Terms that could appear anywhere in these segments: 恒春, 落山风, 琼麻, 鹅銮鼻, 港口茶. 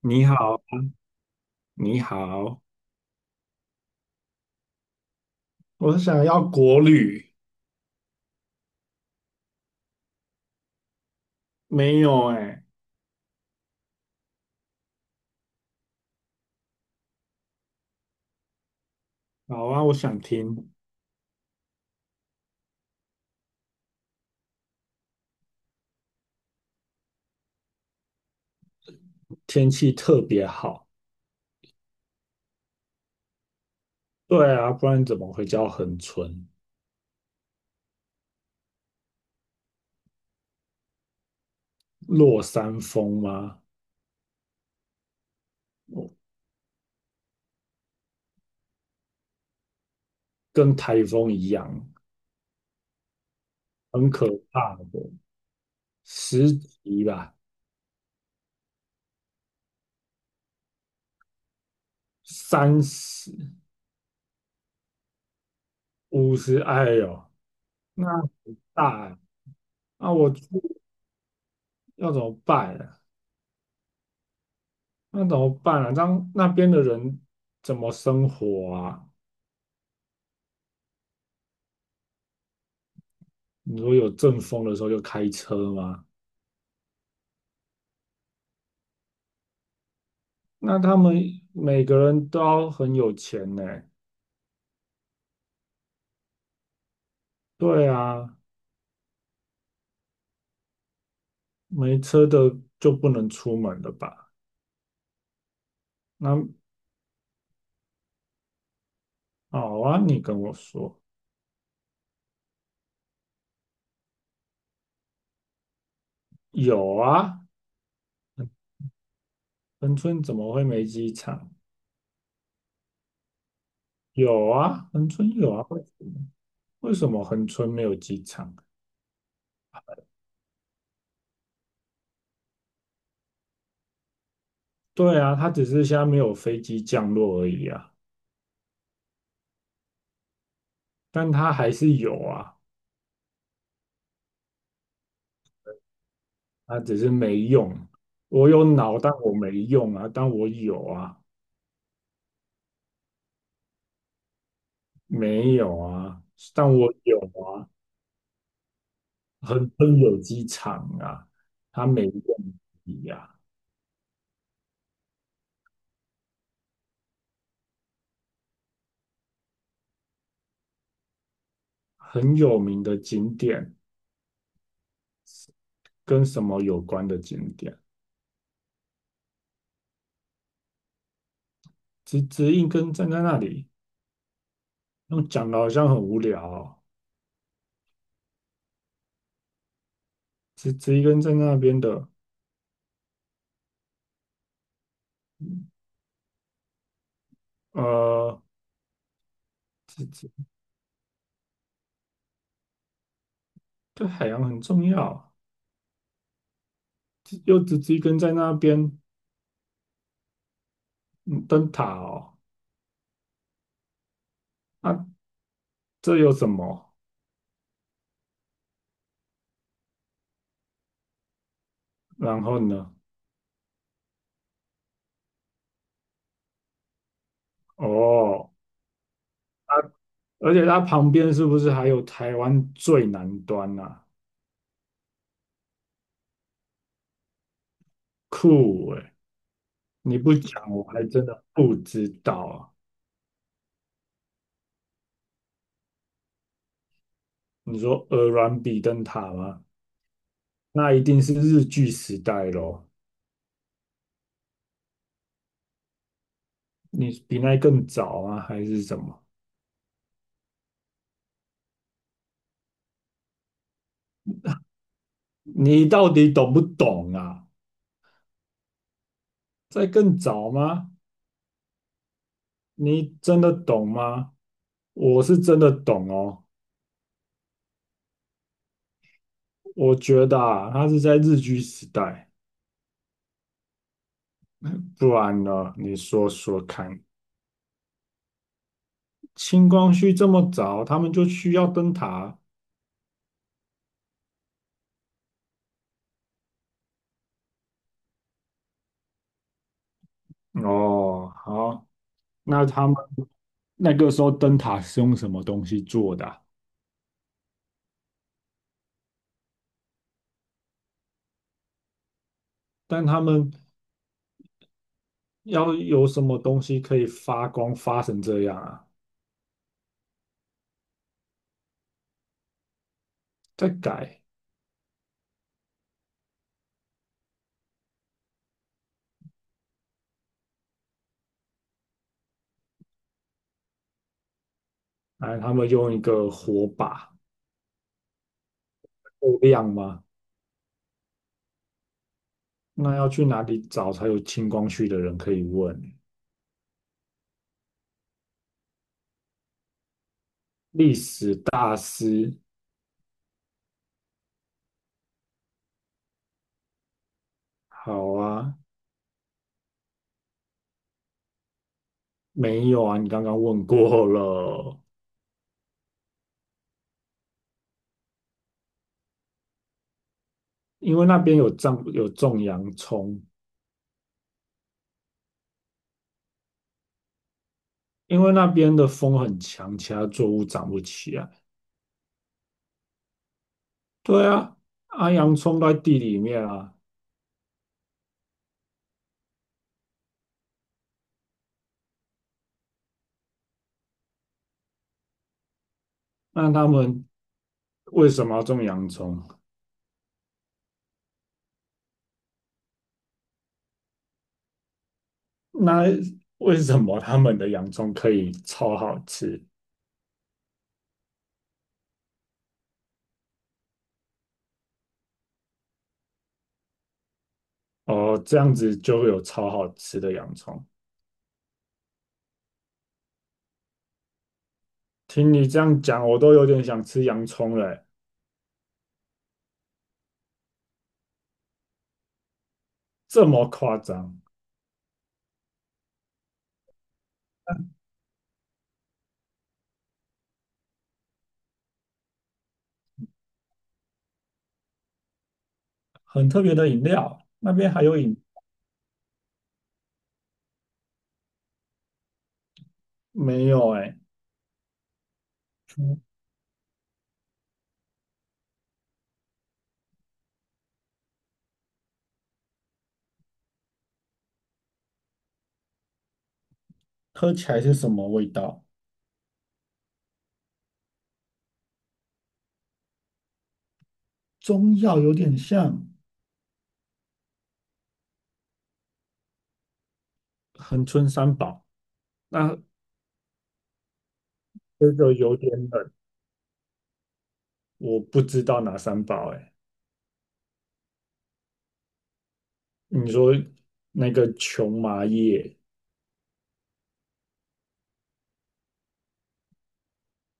你好，你好，我想要国旅，没有哎、好啊，我想听。天气特别好，对啊，不然怎么会叫恒春？落山风吗？跟台风一样，很可怕的，10级吧，30、50，哎呦，那很大欸啊，我去要怎么办啊？那怎么办啊？让那边的人怎么生活啊？你说有阵风的时候就开车吗？那他们每个人都要很有钱呢。对啊，没车的就不能出门了吧？那好啊，你跟我说有啊，恒春怎么会没机场？有啊，恒春有啊，为什么恒春没有机场？对啊，它只是现在没有飞机降落而已啊，但它还是有啊，它只是没用。我有脑，但我没用啊，但我有啊。没有啊，但我有啊，很春有机场啊，它每一个呀。很有名的景点，跟什么有关的景点，直直一根站在那里，用讲的好像很无聊哦，直直一根站在那边的，呃，直直对海洋很重要，直又直直一根在那边，嗯，灯塔哦，啊，这有什么？然后呢？哦。啊而且它旁边是不是还有台湾最南端啊？酷诶、你不讲我还真的不知道啊。你说鹅銮比灯塔吗？那一定是日据时代咯。你比那更早啊，还是什么？你到底懂不懂啊？在更早吗？你真的懂吗？我是真的懂哦。我觉得啊，它是在日据时代，不然呢？你说说看。清光绪这么早，他们就需要灯塔。哦，好，那他们那个时候灯塔是用什么东西做的啊但他们要有什么东西可以发光发成这样啊？再改，哎，他们用一个火把够亮吗？那要去哪里找才有清光绪的人可以问？历史大师，好啊，没有啊，你刚刚问过了，因为那边有种洋葱，因为那边的风很强，其他作物长不起来。对啊，啊，洋葱都在地里面啊，那他们为什么要种洋葱？那为什么他们的洋葱可以超好吃？哦，这样子就会有超好吃的洋葱。听你这样讲，我都有点想吃洋葱了欸，这么夸张？很特别的饮料，那边还有饮，没有哎、嗯喝起来是什么味道？中药有点像恒春三宝。那这个有点冷，我不知道哪三宝哎、你说那个琼麻叶，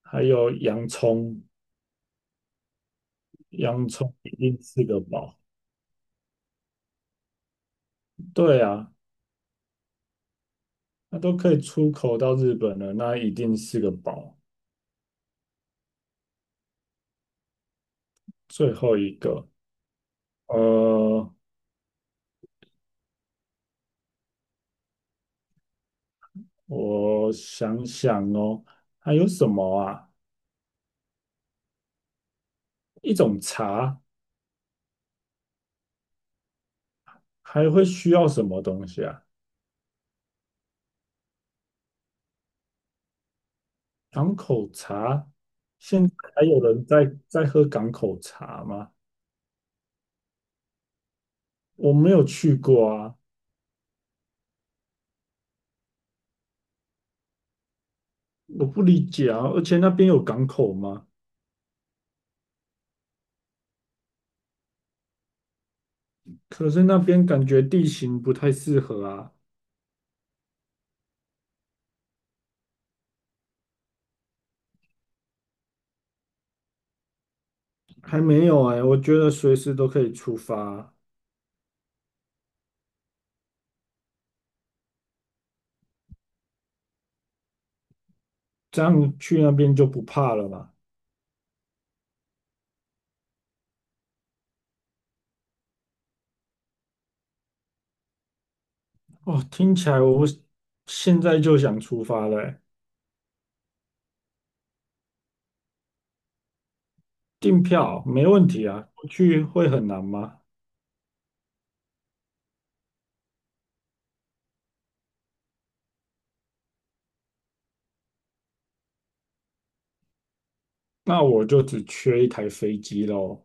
还有洋葱，洋葱一定是个宝。对啊，那都可以出口到日本了，那一定是个宝。最后一个，呃，我想想哦，还有什么啊？一种茶还会需要什么东西啊？港口茶，现在还有人在喝港口茶吗？我没有去过啊，我不理解啊，而且那边有港口吗？可是那边感觉地形不太适合啊，还没有哎、我觉得随时都可以出发啊，这样去那边就不怕了吧？哦，听起来我现在就想出发了欸、订票没问题啊，不去会很难吗？那我就只缺一台飞机喽。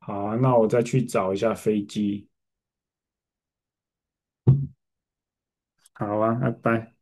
好啊，那我再去找一下飞机。好啊，拜拜。